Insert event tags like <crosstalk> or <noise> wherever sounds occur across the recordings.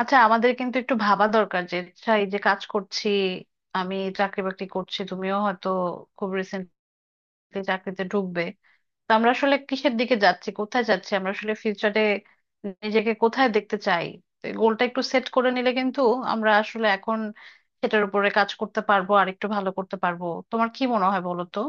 আচ্ছা, আমাদের কিন্তু একটু ভাবা দরকার যে আচ্ছা এই যে কাজ করছি, আমি চাকরি বাকরি করছি, তুমিও হয়তো খুব রিসেন্টলি চাকরিতে ঢুকবে। তো আমরা আসলে কিসের দিকে যাচ্ছি, কোথায় যাচ্ছি, আমরা আসলে ফিউচারে নিজেকে কোথায় দেখতে চাই। তো এই গোলটা একটু সেট করে নিলে কিন্তু আমরা আসলে এখন সেটার উপরে কাজ করতে পারবো, আর একটু ভালো করতে পারবো। তোমার কি মনে হয় বলো তো?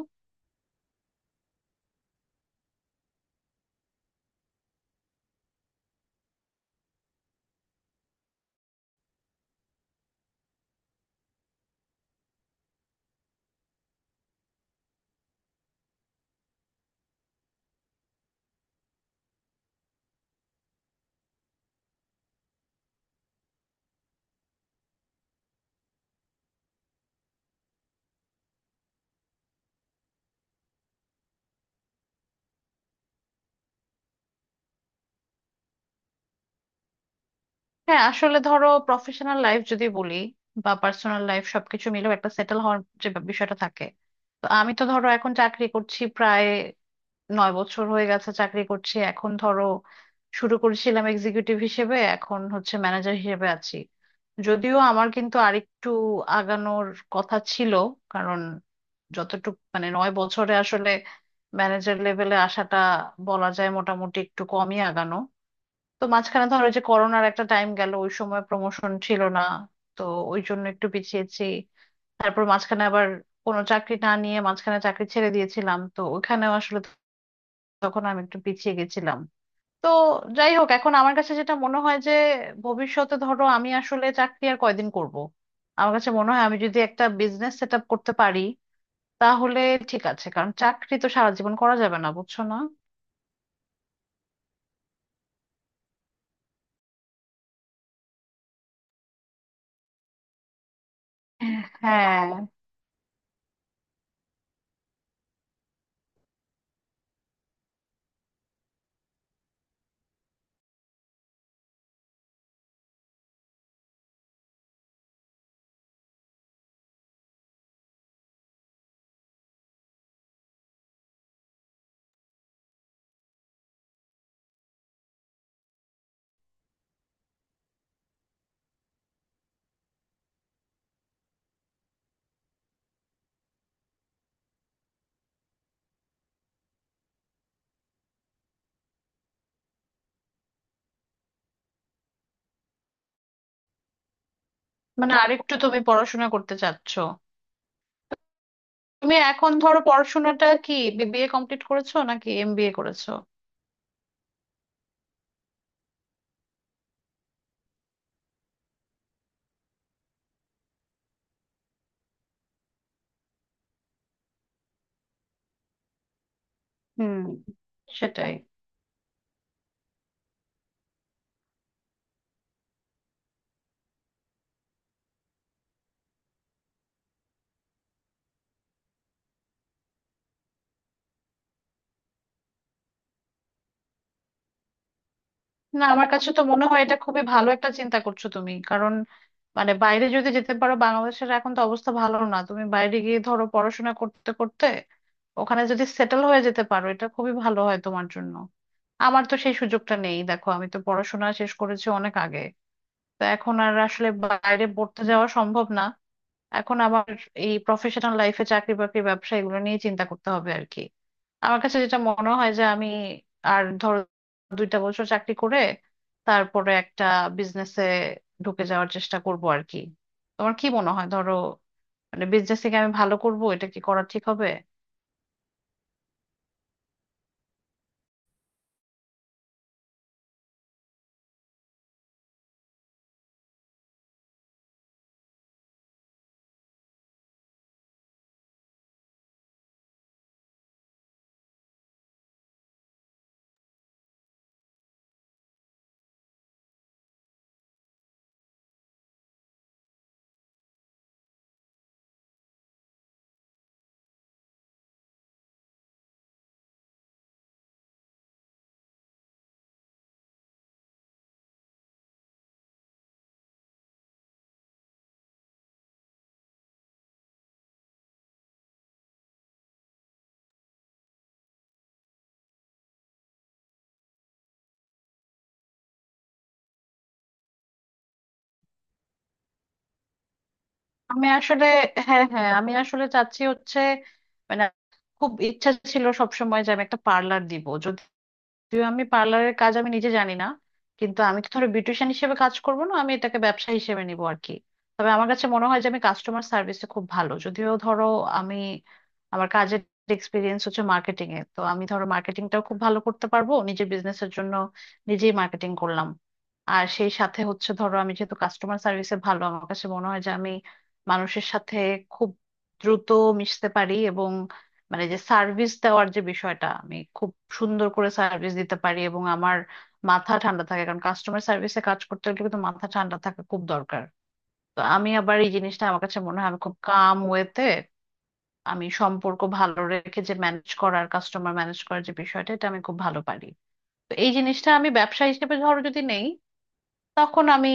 হ্যাঁ, আসলে ধরো প্রফেশনাল লাইফ যদি বলি বা পার্সোনাল লাইফ, সবকিছু মিলেও একটা সেটেল হওয়ার যে বিষয়টা থাকে। তো আমি তো ধরো এখন চাকরি করছি, প্রায় 9 বছর হয়ে গেছে চাকরি করছি। এখন ধরো শুরু করেছিলাম এক্সিকিউটিভ হিসেবে, এখন হচ্ছে ম্যানেজার হিসেবে আছি। যদিও আমার কিন্তু আরেকটু আগানোর কথা ছিল, কারণ যতটুকু মানে 9 বছরে আসলে ম্যানেজার লেভেলে আসাটা বলা যায় মোটামুটি একটু কমই আগানো। তো মাঝখানে ধরো যে করোনার একটা টাইম গেল, ওই সময় প্রমোশন ছিল না, তো ওই জন্য একটু পিছিয়েছি। তারপর মাঝখানে আবার কোনো চাকরি না নিয়ে মাঝখানে চাকরি ছেড়ে দিয়েছিলাম, তো ওখানেও আসলে তখন আমি একটু পিছিয়ে গেছিলাম। তো যাই হোক, এখন আমার কাছে যেটা মনে হয় যে ভবিষ্যতে, ধরো আমি আসলে চাকরি আর কয়দিন করব, আমার কাছে মনে হয় আমি যদি একটা বিজনেস সেট আপ করতে পারি তাহলে ঠিক আছে, কারণ চাকরি তো সারা জীবন করা যাবে না, বুঝছো না? হ্যাঁ, মানে আরেকটু তুমি পড়াশোনা করতে চাচ্ছ। তুমি এখন ধরো পড়াশোনাটা কি বিবিএ কমপ্লিট করেছো নাকি এমবিএ করেছো? হুম, সেটাই। না, আমার কাছে তো মনে হয় এটা খুবই ভালো একটা চিন্তা করছো তুমি, কারণ মানে বাইরে যদি যেতে পারো, বাংলাদেশের এখন তো অবস্থা ভালো না, তুমি বাইরে গিয়ে ধরো পড়াশোনা করতে করতে ওখানে যদি সেটেল হয়ে যেতে পারো, এটা খুবই ভালো হয় তোমার জন্য। আমার তো সেই সুযোগটা নেই, দেখো আমি তো পড়াশোনা শেষ করেছি অনেক আগে, তো এখন আর আসলে বাইরে পড়তে যাওয়া সম্ভব না। এখন আবার এই প্রফেশনাল লাইফে চাকরি বাকরি ব্যবসা এগুলো নিয়ে চিন্তা করতে হবে আর কি। আমার কাছে যেটা মনে হয় যে আমি আর ধরো 2টা বছর চাকরি করে তারপরে একটা বিজনেসে ঢুকে যাওয়ার চেষ্টা করব আর কি। তোমার কি মনে হয় ধরো, মানে বিজনেস থেকে আমি ভালো করব, এটা কি করা ঠিক হবে? আমি আসলে হ্যাঁ হ্যাঁ, আমি আসলে চাচ্ছি হচ্ছে মানে, খুব ইচ্ছা ছিল সবসময় যে আমি একটা পার্লার দিব। যদিও আমি পার্লারের কাজ আমি নিজে জানি না, কিন্তু আমি তো ধরো বিউটিশিয়ান হিসেবে কাজ করব না, আমি এটাকে ব্যবসা হিসেবে নিব আর কি। তবে আমার কাছে মনে হয় যে আমি কাস্টমার সার্ভিসে খুব ভালো। যদিও ধরো আমি, আমার কাজের এক্সপিরিয়েন্স হচ্ছে মার্কেটিং এ, তো আমি ধরো মার্কেটিংটাও খুব ভালো করতে পারবো নিজের বিজনেসের জন্য, নিজেই মার্কেটিং করলাম। আর সেই সাথে হচ্ছে ধরো আমি যেহেতু কাস্টমার সার্ভিসে ভালো, আমার কাছে মনে হয় যে আমি মানুষের সাথে খুব দ্রুত মিশতে পারি, এবং মানে যে সার্ভিস দেওয়ার যে বিষয়টা, আমি খুব সুন্দর করে সার্ভিস দিতে পারি, এবং আমার মাথা ঠান্ডা থাকে। কারণ কাস্টমার সার্ভিসে কাজ করতে হলে কিন্তু মাথা ঠান্ডা থাকা খুব দরকার। তো আমি আবার এই জিনিসটা আমার কাছে মনে হয় আমি খুব কাম ওয়েতে, আমি সম্পর্ক ভালো রেখে যে ম্যানেজ করার, কাস্টমার ম্যানেজ করার যে বিষয়টা, এটা আমি খুব ভালো পারি। তো এই জিনিসটা আমি ব্যবসা হিসেবে ধরো যদি নেই, তখন আমি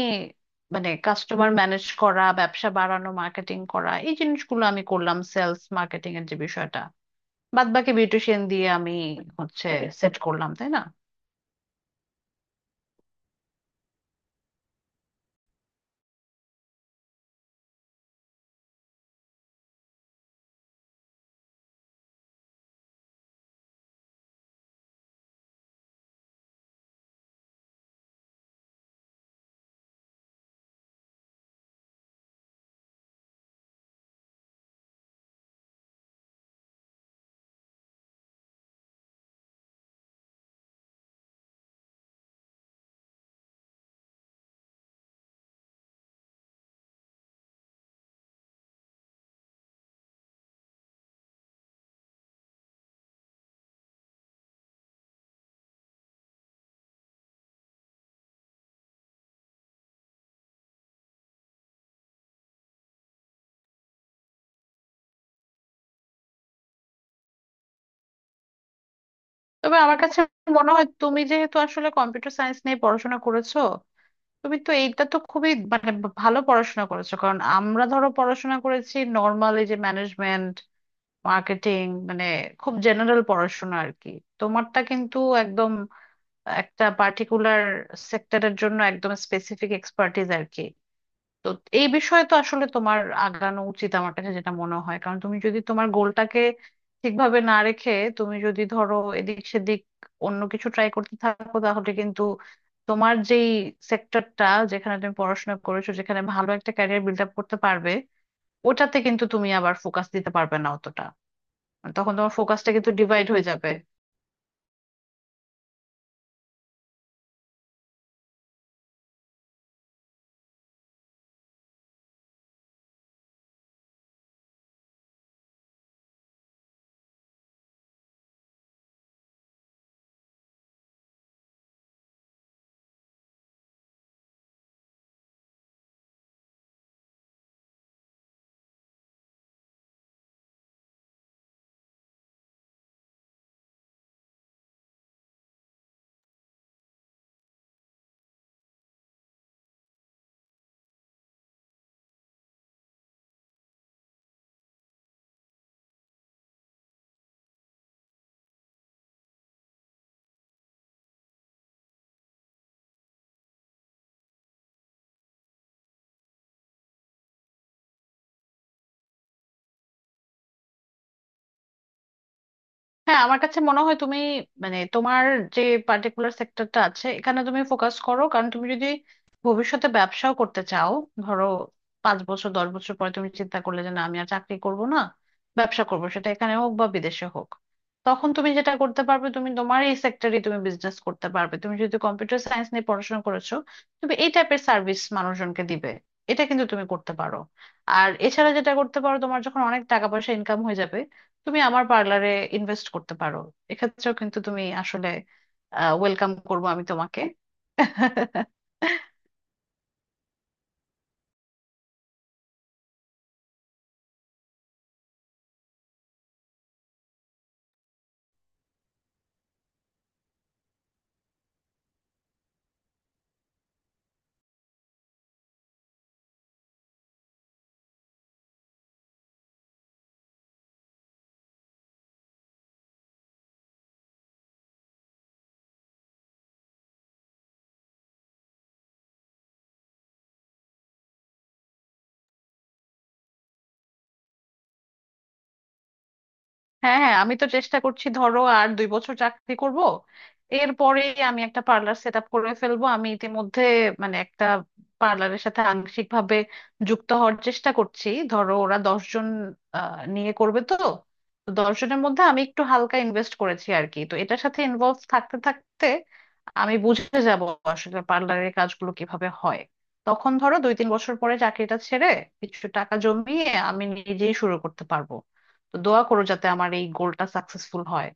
মানে কাস্টমার ম্যানেজ করা, ব্যবসা বাড়ানো, মার্কেটিং করা, এই জিনিসগুলো আমি করলাম, সেলস মার্কেটিং এর যে বিষয়টা। বাদ বাকি বিউটিশিয়ান দিয়ে আমি হচ্ছে সেট করলাম, তাই না? তবে আমার কাছে মনে হয় তুমি যেহেতু আসলে কম্পিউটার সায়েন্স নিয়ে পড়াশোনা করেছো, তুমি তো এইটা তো খুবই মানে ভালো পড়াশোনা করেছো। কারণ আমরা ধরো পড়াশোনা করেছি নর্মাল, এই যে ম্যানেজমেন্ট মার্কেটিং, মানে খুব জেনারেল পড়াশোনা আর কি। তোমারটা কিন্তু একদম একটা পার্টিকুলার সেক্টরের জন্য একদম স্পেসিফিক এক্সপার্টিস আর কি। তো এই বিষয়ে তো আসলে তোমার আগানো উচিত আমার কাছে যেটা মনে হয়, কারণ তুমি যদি তোমার গোলটাকে ঠিকভাবে না রেখে তুমি যদি ধরো এদিক সেদিক অন্য কিছু ট্রাই করতে থাকো, তাহলে কিন্তু তোমার যেই সেক্টরটা, যেখানে তুমি পড়াশোনা করেছো, যেখানে ভালো একটা ক্যারিয়ার বিল্ড আপ করতে পারবে, ওটাতে কিন্তু তুমি আবার ফোকাস দিতে পারবে না অতটা। মানে তখন তোমার ফোকাসটা কিন্তু ডিভাইড হয়ে যাবে। হ্যাঁ, আমার কাছে মনে হয় তুমি মানে তোমার যে পার্টিকুলার সেক্টরটা আছে, এখানে তুমি ফোকাস করো। কারণ তুমি যদি ভবিষ্যতে ব্যবসাও করতে চাও, ধরো 5 বছর 10 বছর পরে তুমি চিন্তা করলে যে না, আমি আর চাকরি করব না, ব্যবসা করব, সেটা এখানে হোক বা বিদেশে হোক, তখন তুমি যেটা করতে পারবে, তুমি তোমার এই সেক্টরে তুমি বিজনেস করতে পারবে। তুমি যদি কম্পিউটার সায়েন্স নিয়ে পড়াশোনা করেছো, তুমি এই টাইপের সার্ভিস মানুষজনকে দিবে, এটা কিন্তু তুমি করতে পারো। আর এছাড়া যেটা করতে পারো, তোমার যখন অনেক টাকা পয়সা ইনকাম হয়ে যাবে, তুমি আমার পার্লারে ইনভেস্ট করতে পারো। এক্ষেত্রেও কিন্তু তুমি আসলে, ওয়েলকাম করবো আমি তোমাকে। <laughs> হ্যাঁ হ্যাঁ, আমি তো চেষ্টা করছি ধরো আর 2 বছর চাকরি করব, এরপরে আমি একটা পার্লার সেট আপ করে ফেলবো। আমি ইতিমধ্যে মানে একটা পার্লারের সাথে আংশিক ভাবে যুক্ত হওয়ার চেষ্টা করছি। ধরো ওরা দশজন নিয়ে করবে, তো তো দশজনের মধ্যে আমি একটু হালকা ইনভেস্ট করেছি আর কি। তো এটার সাথে ইনভলভ থাকতে থাকতে আমি বুঝে যাব আসলে পার্লারের কাজগুলো কিভাবে হয়। তখন ধরো 2-3 বছর পরে চাকরিটা ছেড়ে, কিছু টাকা জমিয়ে আমি নিজেই শুরু করতে পারবো। তো দোয়া করো যাতে আমার এই গোলটা সাকসেসফুল হয়।